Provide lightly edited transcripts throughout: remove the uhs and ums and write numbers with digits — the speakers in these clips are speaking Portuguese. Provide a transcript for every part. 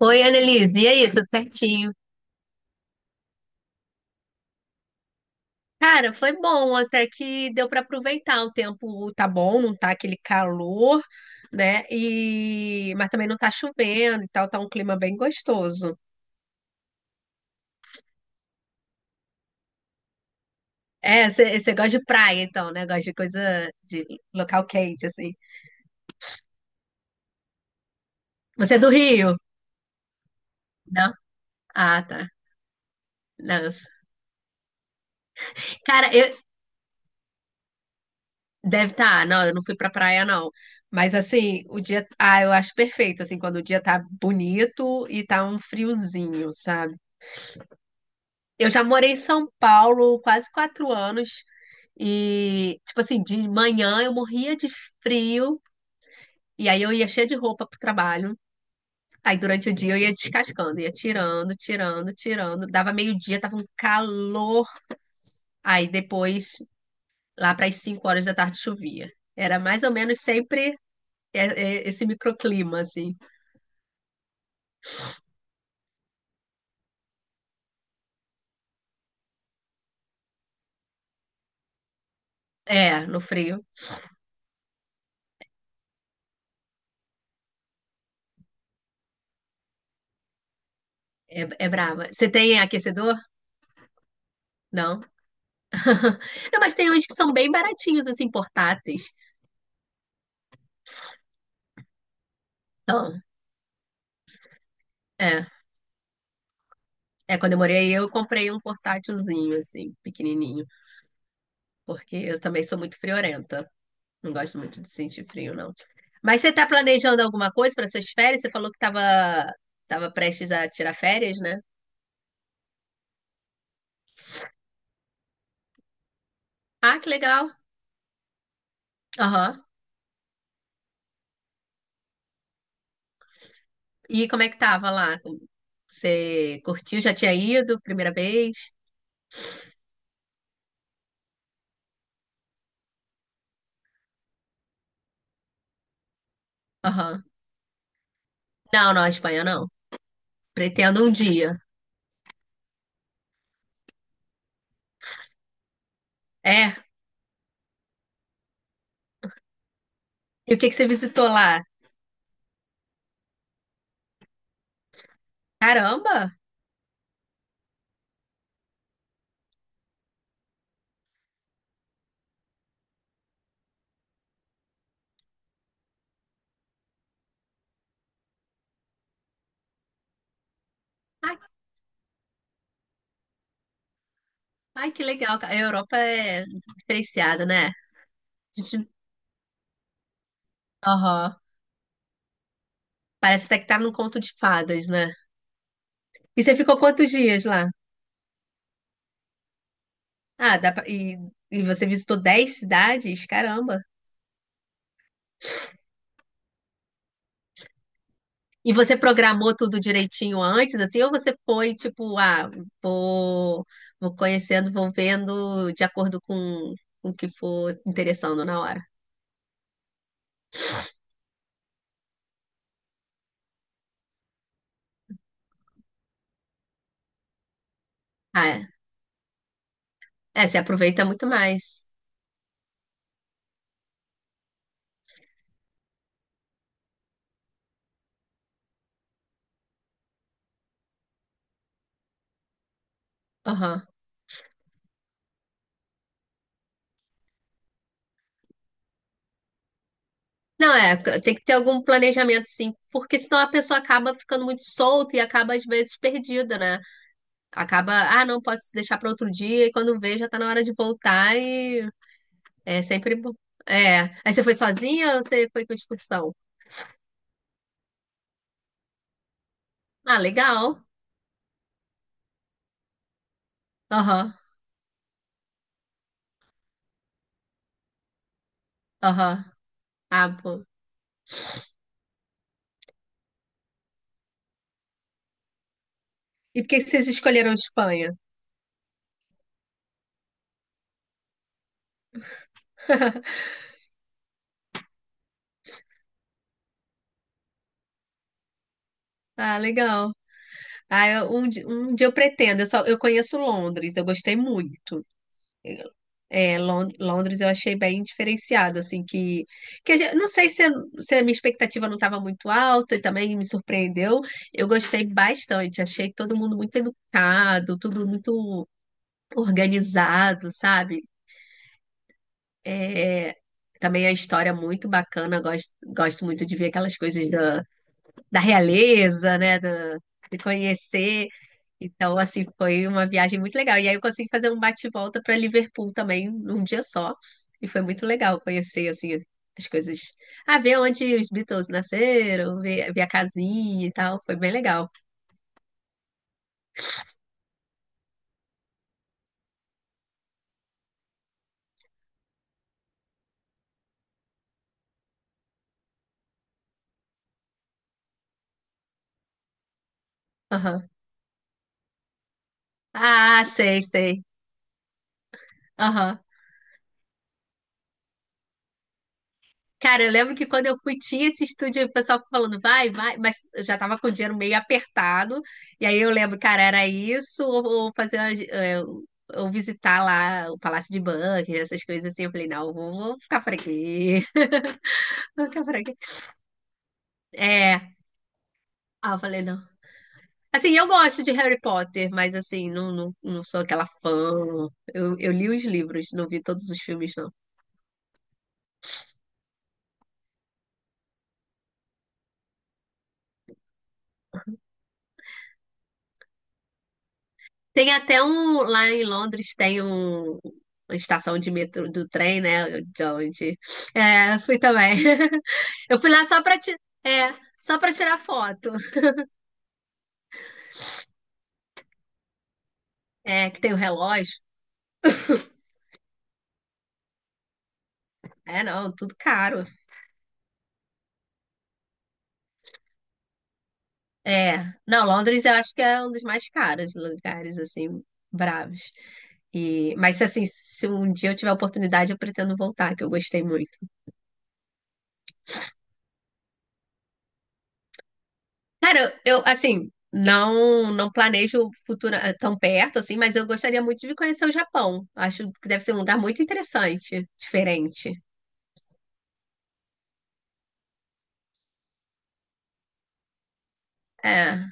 Oi, Annelise, e aí, tudo certinho? Cara, foi bom, até que deu para aproveitar. O tempo tá bom, não tá aquele calor, né? Mas também não tá chovendo e tal, tá um clima bem gostoso. É, você gosta de praia, então, né? Gosta de coisa de local quente, assim. Você é do Rio? Não? Ah, tá. Não. eu sou- Cara, eu... Deve estar. Tá. Não, eu não fui pra praia, não. Mas assim, o dia. Ah, eu acho perfeito, assim, quando o dia tá bonito e tá um friozinho, sabe? Eu já morei em São Paulo quase 4 anos e, tipo assim, de manhã eu morria de frio e aí eu ia cheia de roupa pro trabalho. Aí durante o dia eu ia descascando, ia tirando, tirando, tirando. Dava meio-dia, tava um calor. Aí depois, lá para as 5 horas da tarde, chovia. Era mais ou menos sempre é- é esse microclima, assim. É, no frio. É, é brava. Você tem aquecedor? Não. Não, mas tem uns que são bem baratinhos, assim, portáteis. Então. É. É, quando eu morei aí, eu comprei um portátilzinho, assim, pequenininho, porque eu também sou muito friorenta. Não gosto muito de sentir frio, não. Mas você tá planejando alguma coisa para suas férias? Você falou que tava prestes a tirar férias, né? Ah, que legal. Aham. E como é que tava lá? Você curtiu? Já tinha ido? Primeira vez? Aham. Não, não, a Espanha não. Pretendo um dia. É. E o que que você visitou lá? Caramba! Ai, ai, que legal. A Europa é diferenciada, né? Aham. Parece até que tá num conto de fadas, né? E você ficou quantos dias lá? Ah, dá pra... e, e você visitou 10 cidades? Caramba. E você programou tudo direitinho antes, assim? Ou você foi tipo, ah, vou, vou conhecendo, vou vendo de acordo com o que for interessando na hora? Ah, é. É, você aproveita muito mais. Aham. Não, é, tem que ter algum planejamento, sim, porque senão a pessoa acaba ficando muito solta e acaba, às vezes, perdida, né? Acaba, ah, não posso deixar para outro dia, e quando vê, já tá na hora de voltar e é sempre bom. É. Aí você foi sozinha ou você foi com excursão? Ah, legal. Aham, aham. Ah, pô. E por que que vocês escolheram Espanha? Ah, legal. Ah, um dia eu pretendo. Eu conheço Londres, eu gostei muito. É, Londres eu achei bem diferenciado, assim, que a gente- não sei se a minha expectativa não estava muito alta e também me surpreendeu. Eu gostei bastante, achei todo mundo muito educado, tudo muito organizado, sabe? É, também a história muito bacana, gosto muito de ver aquelas coisas da realeza, né? De conhecer. Então, assim, foi uma viagem muito legal. E aí eu consegui fazer um bate-volta para Liverpool também num dia só. E foi muito legal conhecer, assim, as coisas. Ah, ver onde os Beatles nasceram, ver a casinha e tal. Foi bem legal. Aham. Ah, sei, sei. Aham. Cara, eu lembro que quando eu fui, tinha esse estúdio, o pessoal falando, vai, vai, mas eu já tava com o dinheiro meio apertado. E aí eu lembro, cara, era isso, ou fazer, uma gi- é, ou visitar lá o Palácio de Buckingham, essas coisas assim. Eu falei, não, vou ficar por aqui, vou ficar por aqui. É, ah, eu falei, não. Assim, eu gosto de Harry Potter, mas assim, não, não, não sou aquela fã. Eu li os livros, não vi todos os filmes, não. Tem até um, lá em Londres tem uma estação de metrô do trem, né? De onde. É, fui também. Eu fui lá é, só pra tirar foto. É, que tem o relógio. É, não, tudo caro. É. Não, Londres eu acho que é um dos mais caros lugares, assim, bravos. E, mas, assim, se um dia eu tiver a oportunidade, eu pretendo voltar, que eu gostei muito. Cara, eu, assim, não planejo o futuro tão perto, assim, mas eu gostaria muito de conhecer o Japão. Acho que deve ser um lugar muito interessante, diferente. É,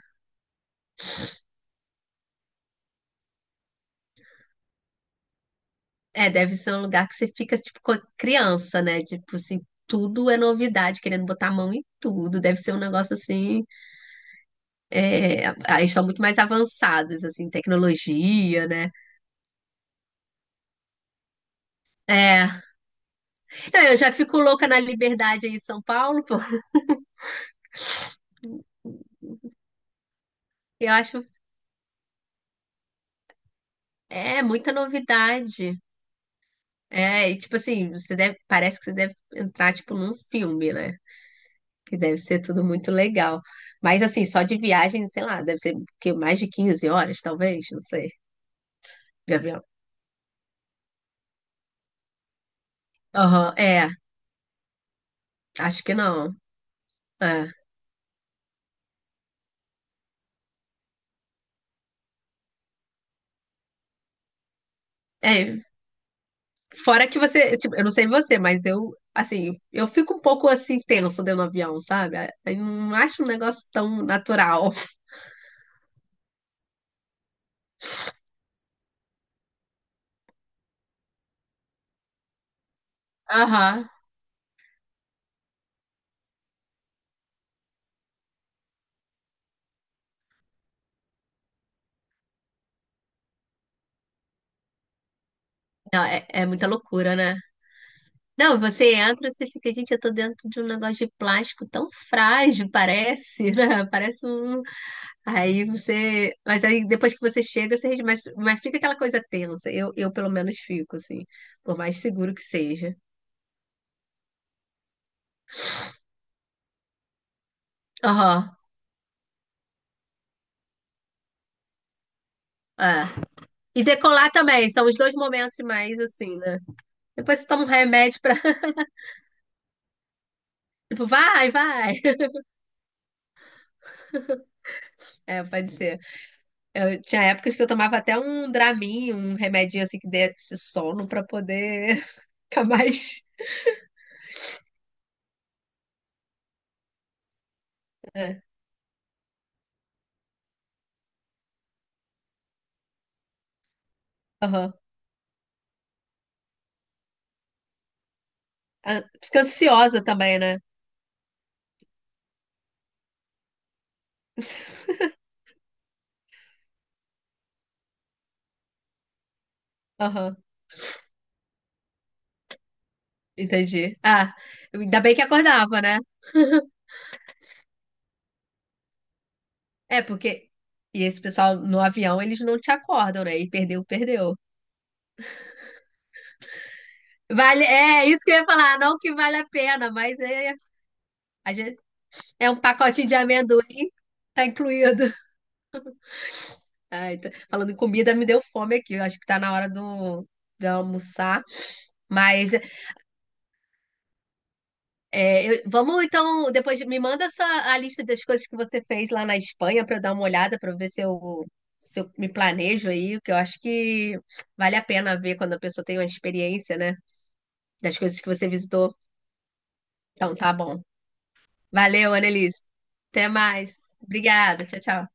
é, deve ser um lugar que você fica, tipo, criança, né? Tipo, assim, tudo é novidade, querendo botar a mão em tudo. Deve ser um negócio, assim, é, ah, eles são muito mais avançados, assim, tecnologia, né? É. Não, eu já fico louca na liberdade aí em São Paulo, pô. Eu acho, é, muita novidade. É, e tipo assim, você deve, parece que você deve entrar tipo num filme, né? Que deve ser tudo muito legal. Mas assim, só de viagem, sei lá, deve ser o quê? Mais de 15 horas, talvez, não sei, de avião. Aham, é, acho que não. É. É, fora que você, tipo, eu não sei você, mas eu, assim, eu fico um pouco assim tenso dentro do avião, sabe? Eu não acho um negócio tão natural. Aham. Não, é, é muita loucura, né? Não, você entra, você fica, gente, eu tô dentro de um negócio de plástico tão frágil, parece, né? Parece um. Aí você. Mas aí depois que você chega, você. Mas fica aquela coisa tensa. Eu pelo menos fico, assim. Por mais seguro que seja. Aham. É. E decolar também, são os dois momentos mais assim, né? Depois você toma um remédio pra. Tipo, vai, vai. É, pode ser. Tinha épocas que eu tomava até um Dramin, um remedinho assim que desse sono pra poder ficar mais. É. Ah, fica ansiosa também, né? Aham, entendi. Ah, ainda bem que acordava, né? É, porque. E esse pessoal no avião, eles não te acordam, né? E perdeu, perdeu. Vale, é isso que eu ia falar, não que vale a pena, mas é, a gente, é um pacotinho de amendoim, tá incluído. Ai, falando em comida, me deu fome aqui. Eu acho que tá na hora do, de almoçar. Mas é, vamos então, depois me manda essa, a lista das coisas que você fez lá na Espanha para eu dar uma olhada, para ver se eu me planejo aí, porque eu acho que vale a pena ver quando a pessoa tem uma experiência, né, das coisas que você visitou. Então tá bom. Valeu, Annelise. Até mais. Obrigada. Tchau, tchau.